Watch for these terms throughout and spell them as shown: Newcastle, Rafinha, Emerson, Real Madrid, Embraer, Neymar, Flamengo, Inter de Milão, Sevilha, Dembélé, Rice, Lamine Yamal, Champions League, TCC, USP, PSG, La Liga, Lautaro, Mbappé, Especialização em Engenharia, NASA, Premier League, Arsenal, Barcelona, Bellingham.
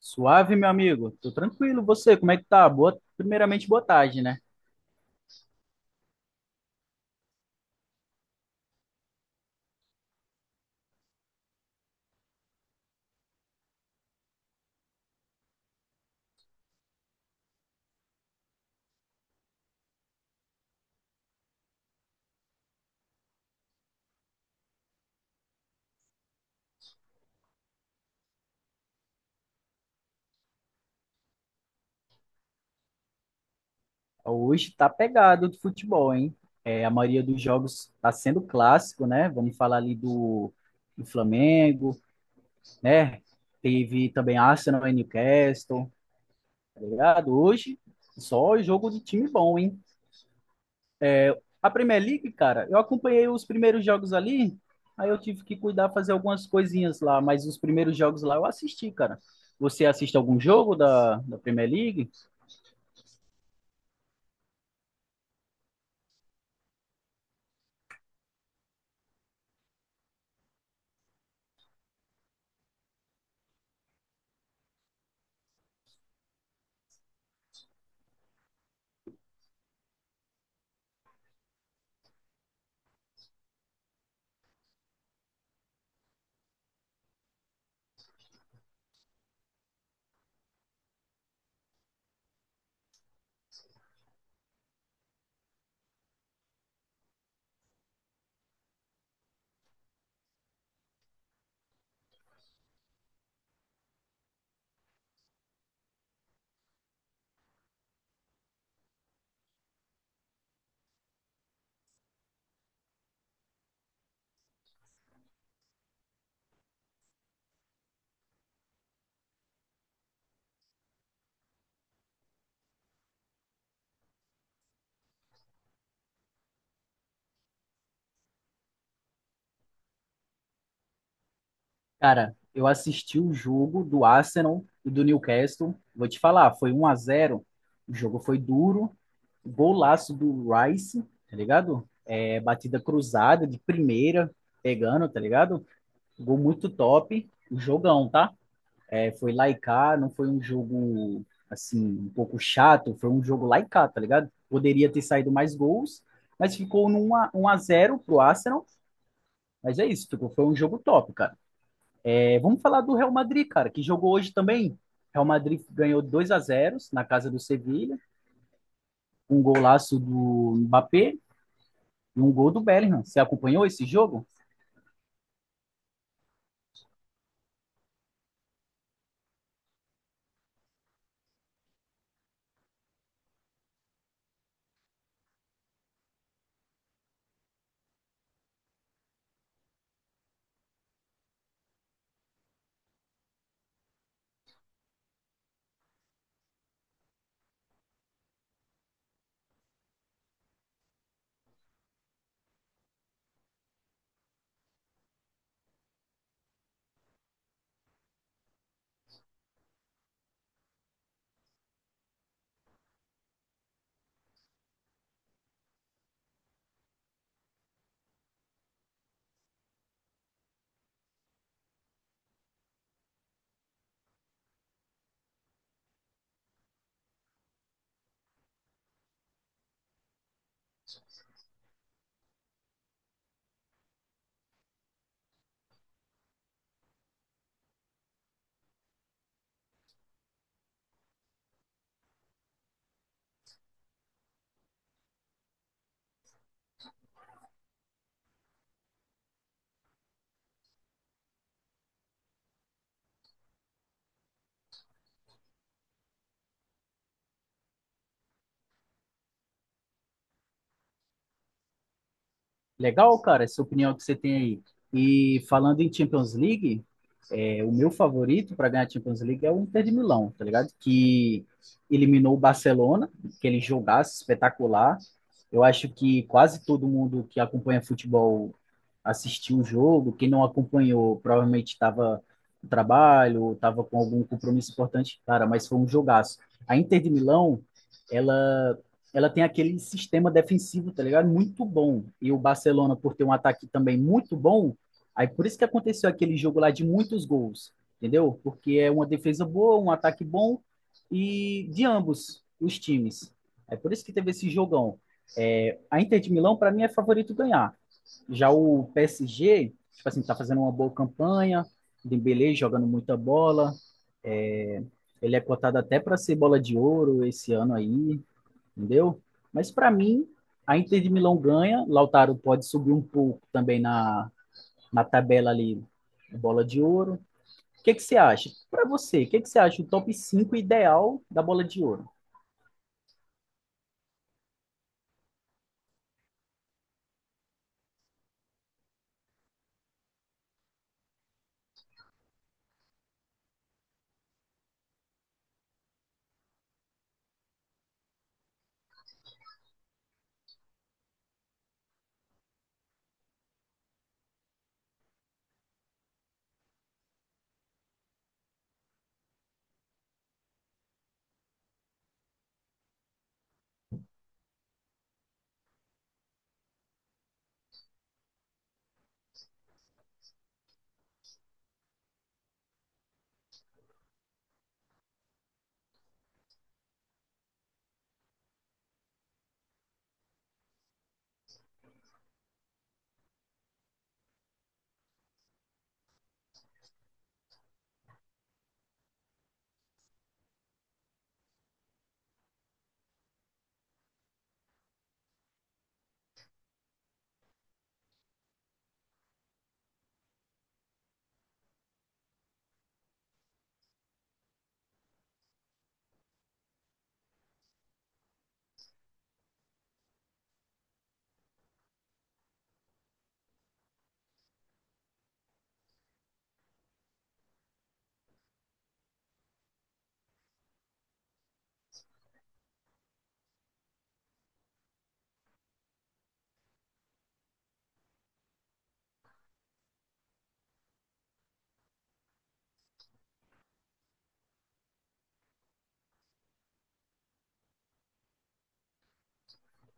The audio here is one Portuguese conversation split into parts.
Suave, meu amigo. Tô tranquilo. Você, como é que tá? Primeiramente, boa tarde, né? Hoje tá pegado do futebol, hein? É, a maioria dos jogos tá sendo clássico, né? Vamos falar ali do Flamengo, né? Teve também Arsenal e Newcastle, tá ligado? Hoje, só jogo de time bom, hein? A Premier League, cara, eu acompanhei os primeiros jogos ali, aí eu tive que cuidar, fazer algumas coisinhas lá, mas os primeiros jogos lá eu assisti, cara. Você assiste algum jogo da Premier League? Cara, eu assisti o jogo do Arsenal e do Newcastle. Vou te falar, foi 1 a 0. O jogo foi duro. Golaço do Rice, tá ligado? É, batida cruzada de primeira, pegando, tá ligado? Gol muito top. O jogão, tá? É, foi lá e cá, não foi um jogo assim, um pouco chato, foi um jogo lá e cá, tá ligado? Poderia ter saído mais gols, mas ficou num 1 a 1 a 0 pro Arsenal. Mas é isso, ficou, foi um jogo top, cara. É, vamos falar do Real Madrid, cara, que jogou hoje também. Real Madrid ganhou 2-0 na casa do Sevilha, um golaço do Mbappé e um gol do Bellingham. Você acompanhou esse jogo? Legal, cara, essa opinião que você tem aí. E falando em Champions League, é, o meu favorito para ganhar a Champions League é o Inter de Milão, tá ligado? Que eliminou o Barcelona, que ele jogasse espetacular. Eu acho que quase todo mundo que acompanha futebol assistiu o jogo. Quem não acompanhou provavelmente estava no trabalho, estava com algum compromisso importante, cara, mas foi um jogaço. A Inter de Milão, ela ela tem aquele sistema defensivo, tá ligado? Muito bom. E o Barcelona, por ter um ataque também muito bom. Aí por isso que aconteceu aquele jogo lá de muitos gols, entendeu? Porque é uma defesa boa, um ataque bom e de ambos os times. É por isso que teve esse jogão. É, a Inter de Milão, para mim, é favorito ganhar. Já o PSG, tipo assim, tá fazendo uma boa campanha, Dembélé jogando muita bola, é, ele é cotado até para ser bola de ouro esse ano aí, entendeu? Mas para mim, a Inter de Milão ganha, Lautaro pode subir um pouco também na tabela ali, bola de ouro. O que, que você acha? Para você, o que, que você acha o top 5 ideal da bola de ouro?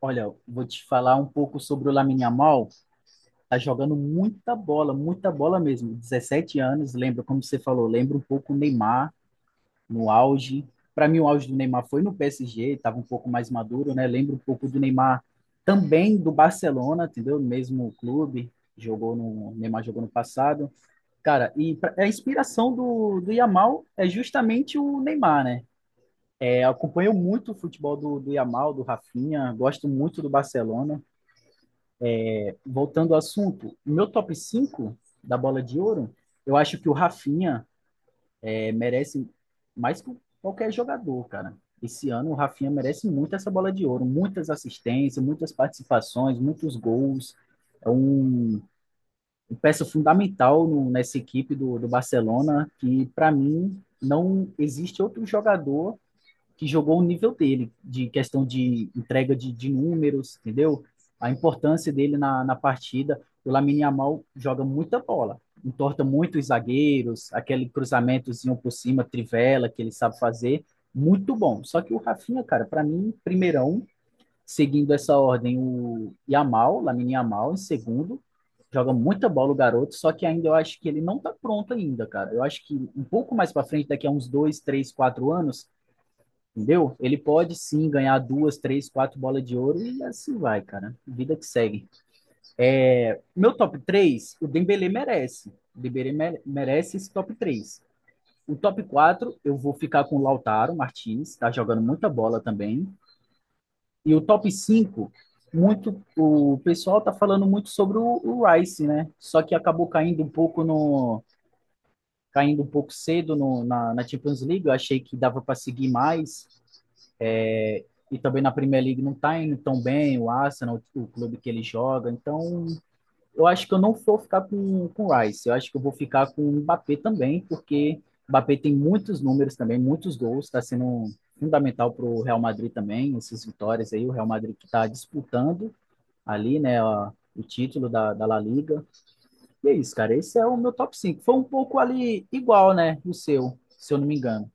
Olha, vou te falar um pouco sobre o Lamine Yamal. Tá jogando muita bola mesmo. Dezessete anos, lembra como você falou, lembra um pouco o Neymar no auge. Para mim o auge do Neymar foi no PSG, estava um pouco mais maduro, né? Lembra um pouco do Neymar também do Barcelona, entendeu? Mesmo clube, jogou no o Neymar jogou no passado. Cara, e a inspiração do Yamal é justamente o Neymar, né? É, acompanho muito o futebol do Yamal, do Rafinha, gosto muito do Barcelona. Voltando ao assunto, o meu top 5 da bola de ouro, eu acho que o Rafinha merece mais que qualquer jogador, cara. Esse ano o Rafinha merece muito essa bola de ouro, muitas assistências, muitas participações, muitos gols. É um peça fundamental nessa equipe do Barcelona, que para mim não existe outro jogador que jogou o nível dele, de questão de entrega de números, entendeu? A importância dele na partida. O Lamine Yamal joga muita bola, entorta muito os zagueiros, aquele cruzamentozinho por cima, trivela que ele sabe fazer, muito bom. Só que o Rafinha, cara, para mim, primeirão, seguindo essa ordem, o Yamal, Lamine Yamal, em segundo. Joga muita bola o garoto, só que ainda eu acho que ele não tá pronto ainda, cara. Eu acho que um pouco mais para frente, daqui a uns 2, 3, 4 anos, entendeu? Ele pode sim ganhar duas, três, quatro bolas de ouro e assim vai, cara. Vida que segue. É, meu top 3, o Dembele merece. O Dembele merece esse top 3. O top 4 eu vou ficar com o Lautaro Martins, tá jogando muita bola também. E o top 5 o pessoal está falando muito sobre o Rice, né? Só que acabou caindo um pouco no caindo um pouco cedo no, na, na Champions League. Eu achei que dava para seguir mais. É, e também na Premier League não está indo tão bem o Arsenal, o clube que ele joga. Então, eu acho que eu não vou ficar com o Rice. Eu acho que eu vou ficar com o Mbappé também, porque o Mbappé tem muitos números também, muitos gols. Está sendo fundamental para o Real Madrid também, essas vitórias aí. O Real Madrid que está disputando ali, né, o título da La Liga. E é isso, cara. Esse é o meu top 5. Foi um pouco ali igual, né, o seu, se eu não me engano.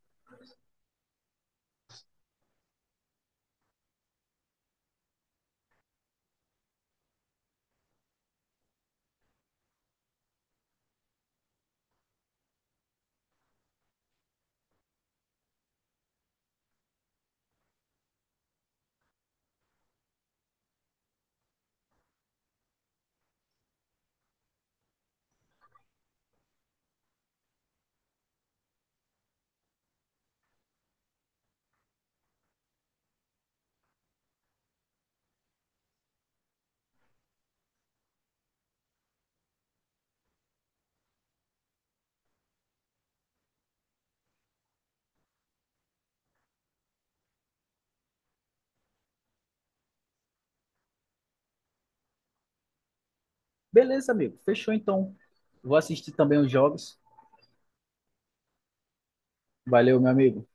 Beleza, amigo. Fechou, então. Vou assistir também os jogos. Valeu, meu amigo.